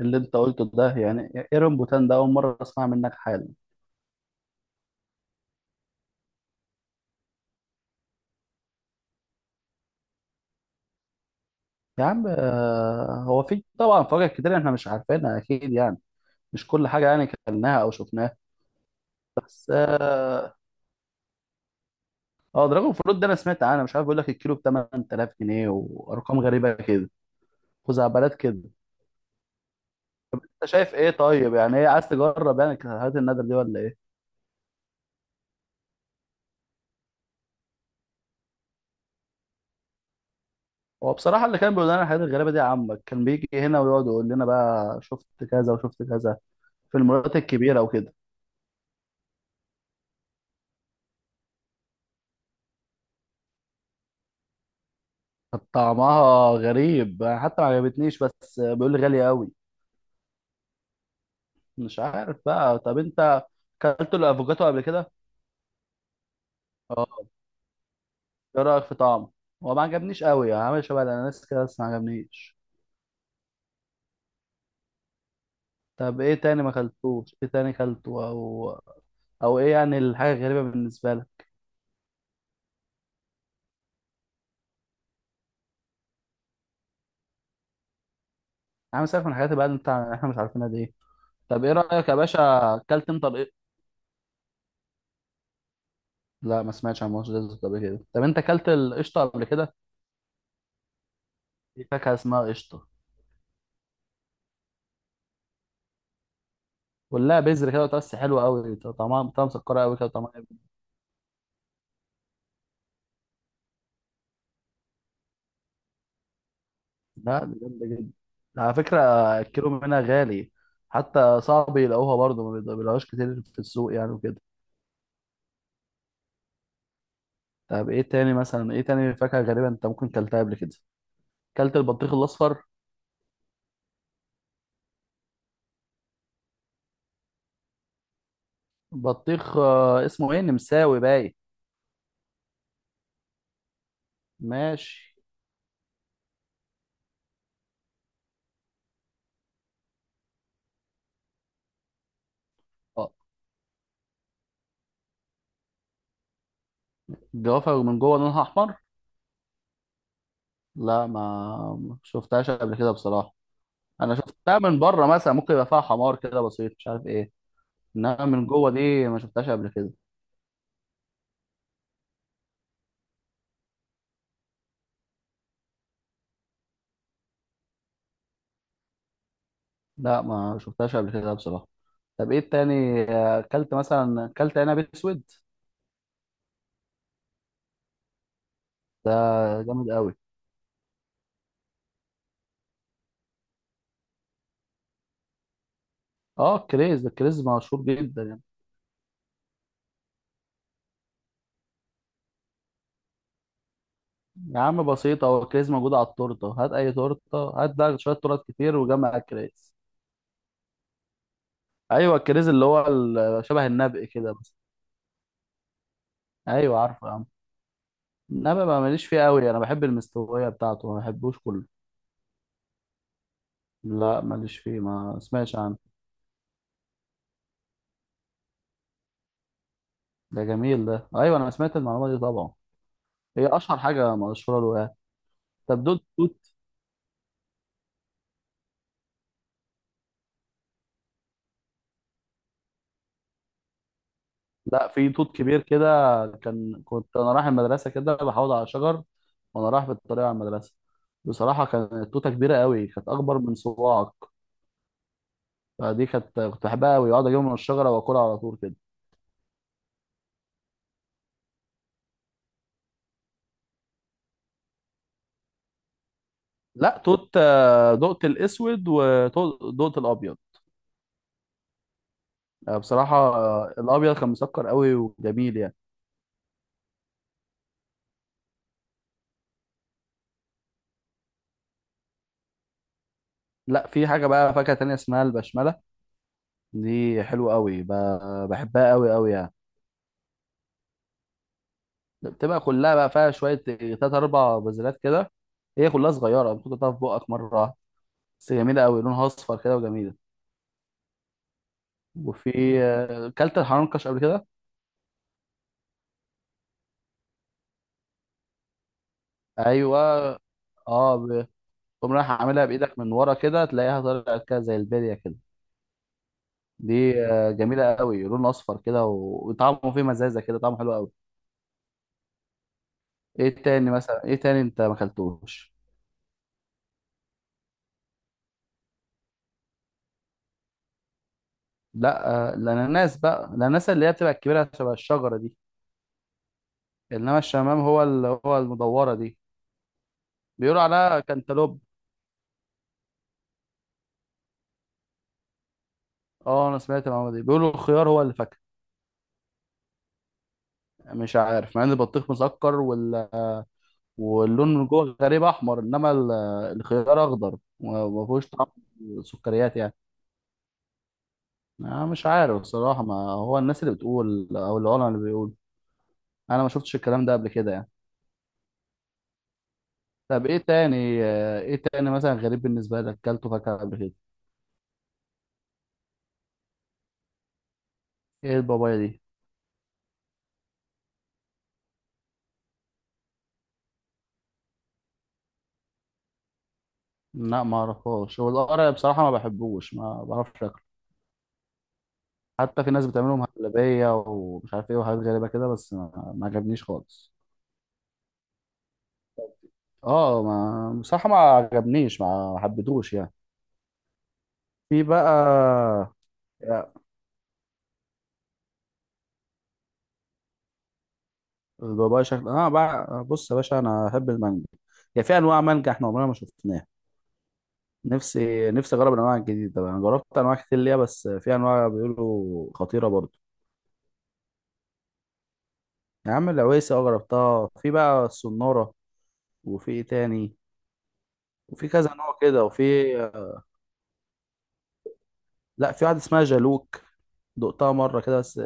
اللي انت قلته ده يعني ايرون بوتان ده اول مره اسمع منك حالا. يا عم هو في طبعا فواكه كتير احنا مش عارفينها اكيد يعني. مش كل حاجه يعني كلناها او شفناها. بس دراجون فروت ده انا سمعت عنها، مش عارف، بيقول لك الكيلو ب 8000 جنيه وارقام غريبه كده، خزعبلات كده. انت شايف ايه طيب؟ يعني ايه، عايز تجرب يعني الحاجات النادر دي ولا ايه؟ هو بصراحه اللي كان بيقول لنا الحاجات الغريبه دي عمك، كان بيجي هنا ويقعد يقول لنا بقى شفت كذا وشفت كذا في المولات الكبيره وكده. كانت طعمها غريب حتى ما عجبتنيش، بس بيقول لي غالية قوي. مش عارف بقى. طب انت اكلت الافوكاتو قبل كده؟ اه، ايه رايك في طعمه؟ هو ما عجبنيش قوي يعني، عامل شبه الاناناس كده بس ما عجبنيش. طب ايه تاني ما اكلتوش؟ ايه تاني اكلته، او ايه يعني الحاجه الغريبه بالنسبه لك؟ عامل سالك من الحاجات بقى اللي انت احنا مش عارفينها دي. طب ايه رايك يا باشا؟ اكلت انت لا، ما سمعتش عن مصر ديزرت قبل كده. طب انت اكلت القشطه قبل كده؟ في فاكهه اسمها قشطه. كلها بذر كده وتقص، حلوه قوي، طعمها مسكره قوي كده طعمها. لا دي جامده جدا على فكره، الكيلو منها غالي، حتى صعب يلاقوها برضه، ما بيلاقوهاش كتير في السوق يعني وكده. طب ايه تاني مثلا؟ ايه تاني فاكهه غريبه انت ممكن كلتها قبل كده؟ كلت البطيخ الاصفر؟ بطيخ، اسمه ايه، نمساوي باي؟ ماشي. اه، الجوافه من جوه لونها احمر؟ لا ما شفتهاش قبل كده بصراحه. انا شفتها من بره مثلا، ممكن يبقى فيها حمار كده بسيط، مش عارف ايه، انما من جوه دي ما شفتهاش قبل كده. لا ما شفتهاش قبل كده بصراحة. طب ايه التاني، اكلت مثلا، اكلت عنب اسود؟ ده جامد قوي، اه الكريز ده، الكريز مشهور جدا يعني. يا عم بسيطة، هو الكريز موجود على التورتة، هات اي تورتة هات، ده شوية تورت كتير وجمع الكريز. ايوه، الكريز اللي هو شبه النبق كده بس. ايوه عارفه يا عم. النبق ما ماليش فيه قوي، انا بحب المستوية بتاعته، ما بحبوش كله. لا ماليش فيه، ما سمعتش عنه. ده جميل ده، ايوه انا سمعت المعلومة دي طبعا، هي اشهر حاجة مشهورة له يعني. طب دول، لا في توت كبير كده، كنت انا رايح المدرسه كده بحوض على شجر وانا رايح بالطريق على المدرسه. بصراحه كانت التوته كبيره قوي، كانت اكبر من صباعك، فدي كنت بحبها قوي اقعد اجيبها من الشجره واكلها على طول كده. لا توت، دقت الاسود ودقت الابيض. آه، بصراحه آه، الابيض كان مسكر قوي وجميل يعني. لا في حاجه بقى فاكهه تانية اسمها البشمله، دي حلوه قوي، بحبها قوي قوي يعني. بتبقى كلها بقى فيها شويه تلات اربع بذرات كده، هي كلها صغيره، ممكن تحطها في بقك مره واحدة. بس جميله قوي، لونها اصفر كده وجميله. وفي، كلت الحنكش قبل كده؟ ايوه. اه ب- تقوم رايح عاملها بايدك من ورا كده، تلاقيها طلعت كده زي البليه كده، دي جميله قوي، لون اصفر كده وطعمه فيه مزازه كده، طعمه حلو قوي. ايه تاني مثلا؟ ايه تاني انت ما اكلتوش؟ لا الاناناس بقى، الاناناس اللي هي بتبقى الكبيره شبه الشجره دي، انما الشمام هو اللي هو المدوره دي، بيقولوا عليها كانتالوب. اه انا سمعت المعلومه دي، بيقولوا الخيار هو اللي فاكهه. مش عارف، مع ان البطيخ مسكر واللون من جوه غريب احمر، انما الخيار اخضر وما فيهوش طعم سكريات يعني. انا مش عارف الصراحه، ما هو الناس اللي بتقول او العلماء اللي بيقول، انا ما شفتش الكلام ده قبل كده يعني. طب ايه تاني؟ ايه تاني مثلا غريب بالنسبه لك اكلته فاكهه قبل كده؟ ايه البابايا دي؟ لا ما اعرفهاش، هو القرع بصراحه ما بحبوش، ما بعرفش. حتى في ناس بتعملهم هبلية ومش عارف ايه، وحاجات غريبة كده بس ما عجبنيش خالص. اه ما بصراحة ما عجبنيش، ما حبيتهوش يعني. في بقى يا- البابايا شكل. اه بقى بص يا باشا، انا احب المانجا يعني، في انواع مانجا احنا عمرنا ما شفناها، نفسي اجرب الانواع الجديده بقى، انا جربت انواع كتير ليها بس في انواع بيقولوا خطيره برضو. يا عم العويسه، اه جربتها، في بقى السناره، وفي ايه تاني وفي كذا نوع كده وفي، لا في واحد اسمها جالوك، دقتها مرة كده بس.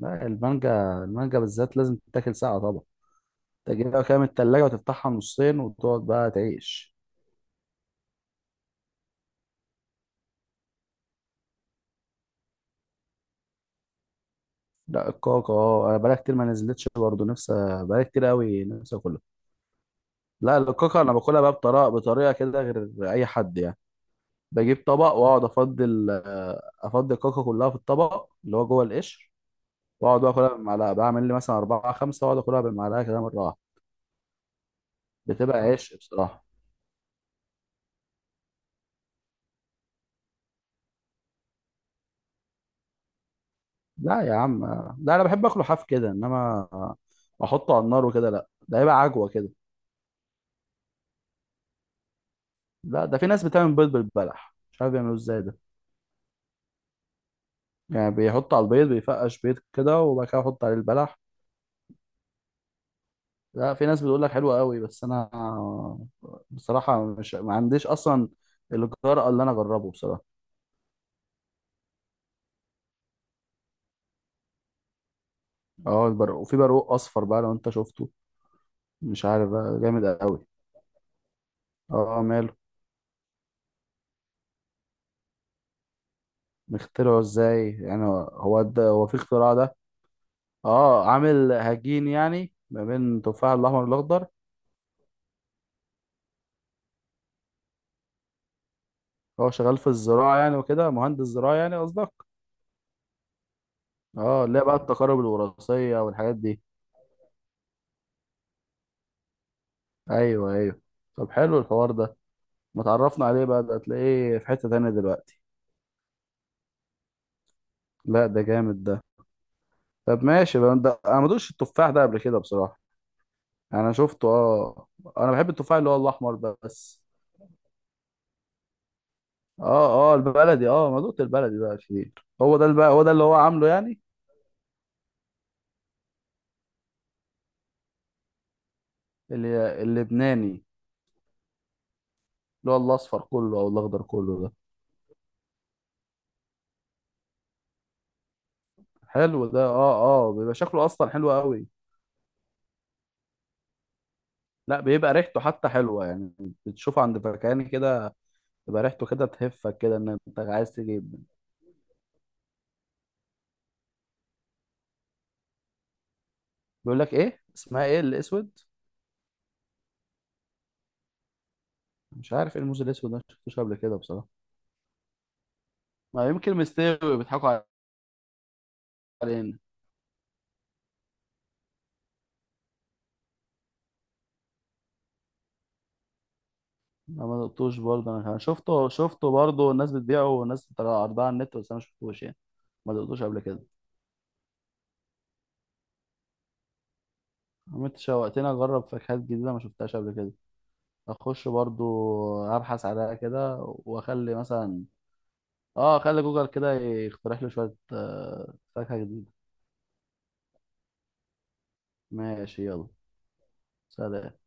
لا المانجا، المانجا بالذات لازم تتاكل ساعة طبعا، تجيبها كده من التلاجة وتفتحها نصين وتقعد بقى تعيش. لا الكاكا، اه انا بقالي كتير ما نزلتش برضه نفسي، بقالي كتير قوي نفسي اكلها. لا الكاكا انا باكلها بقى بطريقة كده غير اي حد يعني، بجيب طبق واقعد افضل، افضي الكاكا كلها في الطبق اللي هو جوه القشر، واقعد بقى اكلها بالمعلقة، بعمل لي مثلا أربعة خمسة واقعد اكلها بالمعلقة كده مرة واحدة، بتبقى عيش بصراحة. لا يا عم لا، انا بحب اكله حاف كده، انما احطه على النار وكده لا، ده هيبقى عجوه كده. لا ده في ناس بتعمل بيض بالبلح، مش عارف بيعملوه ازاي ده، يعني بيحط على البيض، بيفقش بيض كده وبعد كده يحط عليه البلح. لا في ناس بتقول لك حلو قوي، بس انا بصراحه مش ما عنديش اصلا الجرأة اللي انا اجربه بصراحه. اه البرق، وفي برقوق اصفر بقى لو انت شفته، مش عارف بقى جامد قوي، اه ماله. مخترعه ازاي يعني؟ هو ده، هو في اختراع ده؟ اه عامل هجين يعني ما بين التفاح الاحمر والاخضر. هو شغال في الزراعه يعني وكده، مهندس زراعه يعني قصدك؟ اه اللي هي بقى التقارب الوراثيه والحاجات دي. ايوه ايوه، طب حلو الحوار ده، ما تعرفنا عليه بقى ده، هتلاقيه في حته تانية دلوقتي. لا ده جامد ده. طب ماشي بقى، ده انا ما دوقتش التفاح ده قبل كده بصراحه، انا شفته اه، انا بحب التفاح اللي هو الاحمر ده بس. اه اه، البلدي اه، ما دوقت البلدي ده كتير. هو ده بقى، هو ده اللي هو عامله يعني، اللي اللبناني اللي هو الاصفر كله او الاخضر كله ده. حلو ده اه، اه بيبقى شكله اصلا حلو قوي، لا بيبقى ريحته حتى حلوه يعني، بتشوفه عند فكهاني كده، بيبقى ريحته كده تهفك كده ان انت عايز تجيب. بيقول لك ايه اسمها؟ ايه الاسود؟ مش عارف ايه الموز الاسود ده، ما شفتوش قبل كده بصراحه، ما يمكن مستوي بيضحكوا علينا. انا ما دقتوش برضه، انا كمان شفته برضه، الناس بتبيعه والناس بتطلع عرضها على النت، بس انا ما شفتوش يعني، ما دقتوش قبل كده. عم انت شوقتني اجرب فاكهات جديده ما شفتهاش قبل كده، اخش برضو ابحث عليها كده واخلي مثلا، اه اخلي جوجل كده يقترح لي شوية فاكهة جديدة. ماشي يلا. سلام.